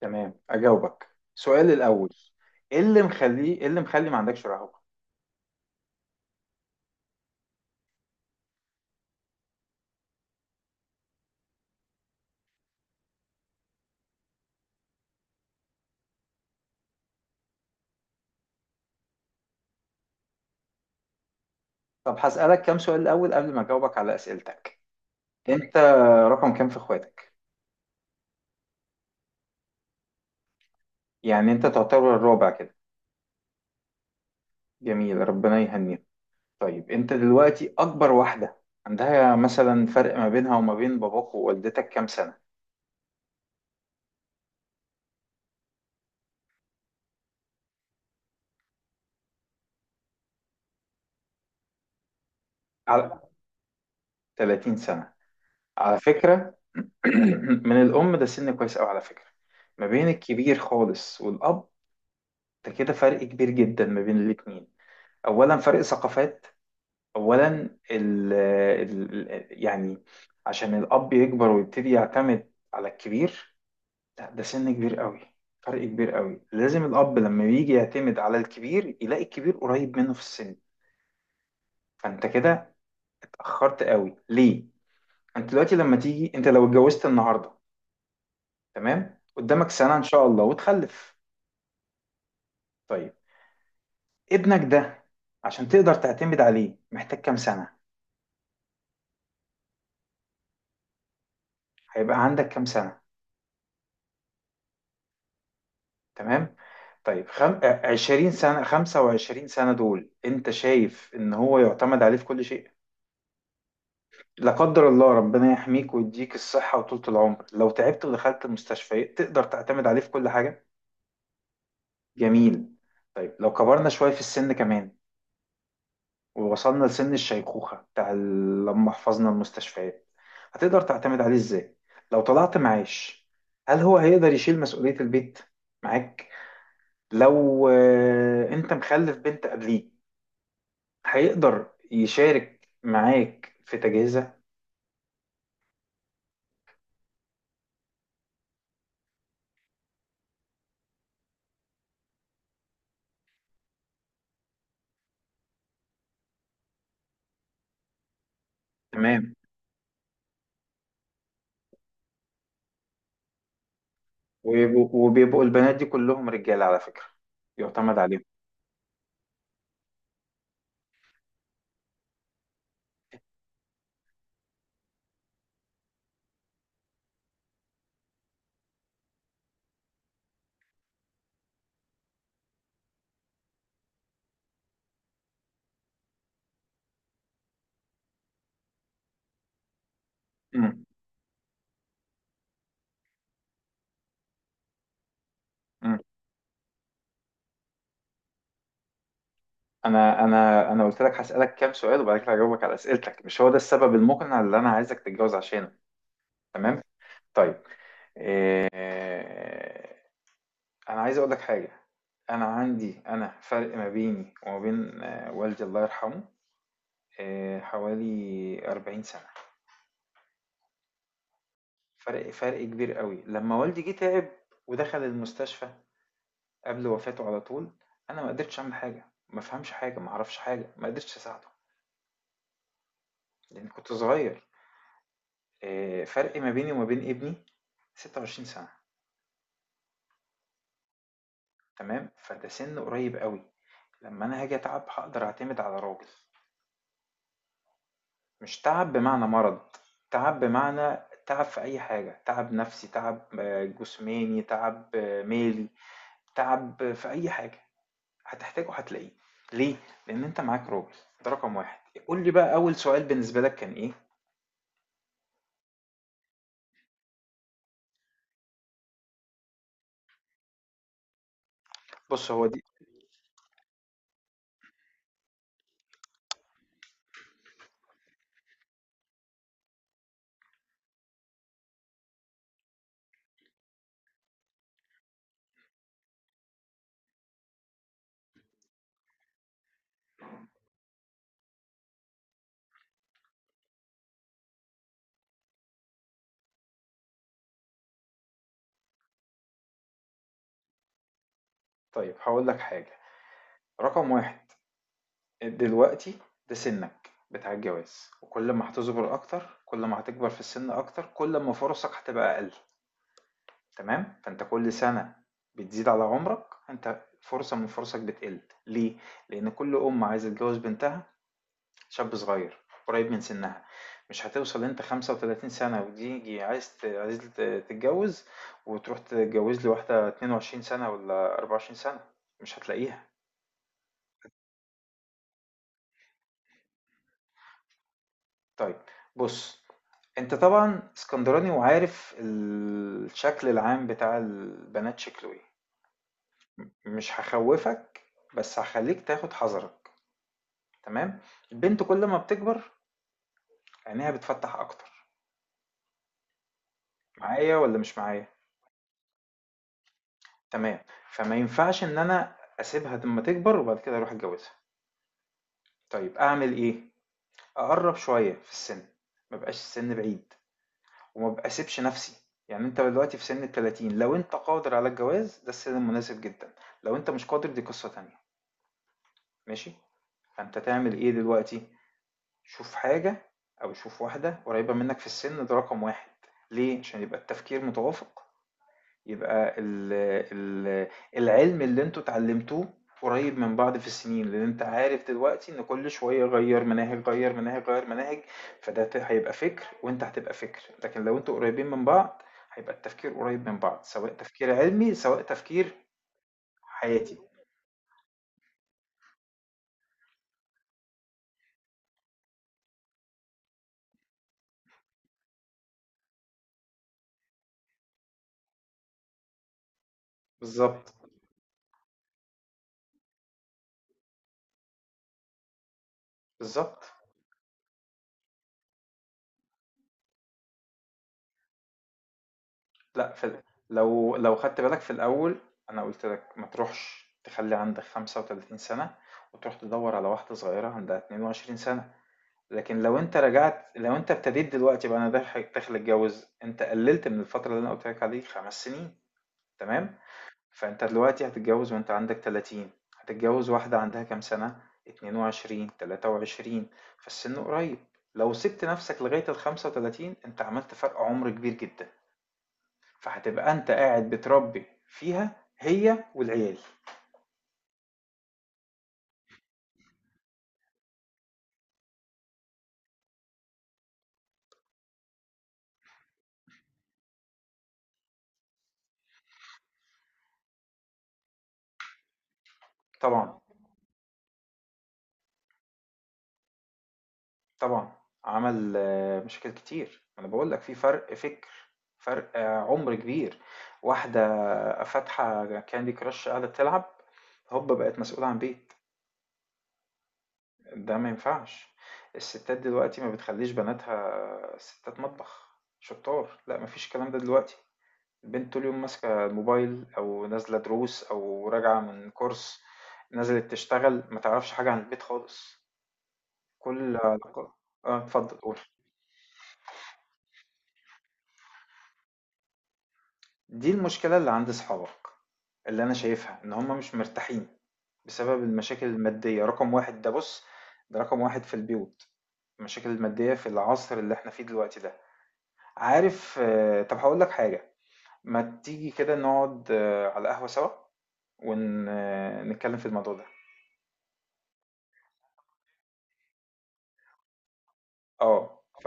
تمام، اجاوبك. سؤال الاول، ايه اللي مخلي ما عندكش رهبة؟ طب هسألك كام سؤال. الاول، قبل ما اجاوبك على اسئلتك، انت رقم كام في اخواتك؟ يعني انت تعتبر الرابع كده. جميل، ربنا يهنيك. طيب، انت دلوقتي اكبر واحدة عندها مثلا فرق ما بينها وما بين باباك ووالدتك كام سنة؟ على 30 سنة. على فكرة، من الام ده سن كويس قوي على فكرة. ما بين الكبير خالص والاب، ده كده فرق كبير جدا ما بين الاتنين. اولا، فرق ثقافات. اولا، يعني، عشان الاب يكبر ويبتدي يعتمد على الكبير. لا، ده سن كبير قوي. فرق كبير قوي. لازم الاب لما بيجي يعتمد على الكبير يلاقي الكبير قريب منه في السن. فانت كده اتاخرت قوي ليه؟ انت دلوقتي لما تيجي انت لو اتجوزت النهارده، تمام، قدامك سنه ان شاء الله وتخلف. طيب، ابنك ده عشان تقدر تعتمد عليه محتاج كام سنه؟ هيبقى عندك كام سنه؟ تمام. طيب، خم... آه، 20 سنة 25 سنة دول انت شايف ان هو يعتمد عليه في كل شيء؟ لا قدر الله، ربنا يحميك ويديك الصحة وطولة العمر. لو تعبت ودخلت المستشفى تقدر تعتمد عليه في كل حاجة؟ جميل. طيب، لو كبرنا شوية في السن كمان ووصلنا لسن الشيخوخة بتاع لما حفظنا المستشفيات، هتقدر تعتمد عليه ازاي؟ لو طلعت معاش، هل هو هيقدر يشيل مسؤولية البيت معاك؟ لو انت مخلف بنت قبليه، هيقدر يشارك معاك في تجهيزها؟ تمام. وبيبقوا البنات دي كلهم رجاله على فكره. يعتمد عليهم. مم. مم. انا قلت لك هسالك كام سؤال وبعد كده هجاوبك على اسئلتك. مش هو ده السبب المقنع اللي انا عايزك تتجوز عشانه. تمام. طيب، إيه... انا عايز اقول لك حاجه. انا فرق ما بيني وما بين والدي الله يرحمه، حوالي 40 سنه. فرق كبير قوي. لما والدي جه تعب ودخل المستشفى قبل وفاته على طول، انا ما قدرتش اعمل حاجه، ما فهمش حاجه، ما اعرفش حاجه، ما قدرتش اساعده. لان كنت صغير. فرق ما بيني وما بين ابني 26 سنه. تمام، فده سن قريب قوي. لما انا هاجي اتعب هقدر اعتمد على راجل. مش تعب بمعنى مرض. تعب بمعنى تعب في اي حاجه، تعب نفسي، تعب جسماني، تعب مالي، تعب في اي حاجه. هتحتاجه هتلاقيه. ليه؟ لأن أنت معاك راجل. ده رقم واحد. قول لي بقى، أول سؤال بالنسبة لك كان إيه؟ بص، هو دي. طيب، هقول لك حاجة. رقم واحد، دلوقتي ده سنك بتاع الجواز. وكل ما هتصبر أكتر، كل ما هتكبر في السن أكتر، كل ما فرصك هتبقى أقل. تمام؟ فأنت كل سنة بتزيد على عمرك، أنت فرصة من فرصك بتقل. ليه؟ لأن كل أم عايزة تجوز بنتها شاب صغير قريب من سنها. مش هتوصل انت 35 سنة وتيجي تتجوز، وتروح تتجوز لواحدة 22 سنة ولا 24 سنة، مش هتلاقيها. طيب، بص. انت طبعا اسكندراني وعارف الشكل العام بتاع البنات شكله ايه. مش هخوفك، بس هخليك تاخد حذرك. تمام. البنت كل ما بتكبر عينيها بتفتح اكتر. معايا ولا مش معايا؟ تمام، فما ينفعش إن أنا أسيبها لمّا تكبر وبعد كده أروح أتجوزها. طيب، أعمل إيه؟ أقرّب شوية في السِن، ما يبقاش السِن بعيد وما ب أسيبش نَفْسي. يعني أنت دلوقتي في سِن ال30، لو أنت قادر على الجواز ده السِن المناسب جدًا. لو أنت مش قادر دي قصة تانية. ماشي. فأنت تعمل إيه دلوقتي؟ شوف حاجة، أو شوف واحدة قريّبة منّك في السِن. ده رقم 1. ليه؟ عشان يبقى التفكير متوافق. يبقى ال ال العلم اللي انتوا اتعلمتوه قريب من بعض في السنين، لان انت عارف دلوقتي ان كل شوية غير مناهج، غير مناهج، غير مناهج. هيبقى فكر وانت هتبقى فكر، لكن لو انتوا قريبين من بعض هيبقى التفكير قريب من بعض، سواء تفكير علمي سواء تفكير حياتي. بالظبط، بالظبط. لا، لو خدت بالك في الاول، انا قلت لك ما تروحش تخلي عندك 35 سنة وتروح تدور على واحدة صغيرة عندها 22 سنة. لكن لو أنت ابتديت دلوقتي، بقى أنا داخل داخل أتجوز، أنت قللت من الفترة اللي أنا قلت لك عليه 5 سنين. تمام. فأنت دلوقتي هتتجوز وأنت عندك 30، هتتجوز واحدة عندها كام سنة؟ 22 23. فالسن قريب. لو سبت نفسك لغاية ال 35، أنت عملت فرق عمر كبير جدا. فهتبقى أنت قاعد بتربي فيها هي والعيال. طبعا. طبعًا، عمل مشاكل كتير. ما أنا باقول لك في فرق فِكر، فرق عُمر كبير. واحدة فاتحة candy crush قاعدة تلعب، هوبا بقت مسؤولة عن بيت. ده ما ينفعش. الستات دلوقتي ما بتخلّيش بناتها ستات مطبخ، شطّار، لأ ما فيش الكلام ده دلوقتي. البنت طول اليوم ماسكة الموبايل أو نازلة دروس أو راجعة من course، نزلت تشتغل، ما تعرفش حاجة عن البيت خالص. كل علاقة. اتفضّل قُل. دي المشكلة اللي عند صحابك، اللي أنا شايفها إن هم مش مرتاحين بسبب المشاكل المادية. رقم واحد ده، بص، ده رقم واحد في البيوت، المشاكل المادية في العصر اللي احنا فيه دلوقتي ده. عارف. طب هقول لك حاجة. ما تيجي كده نقعد على قهوة سوا ونتكلم في الموضوع ده. اه ف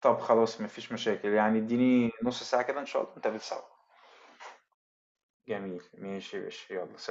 طب، خلاص مفيش مشاكل. يعني اديني نص ساعة كده إن شاء الله نتقابل سوا. جميل. ماشي يا باشا، يلا.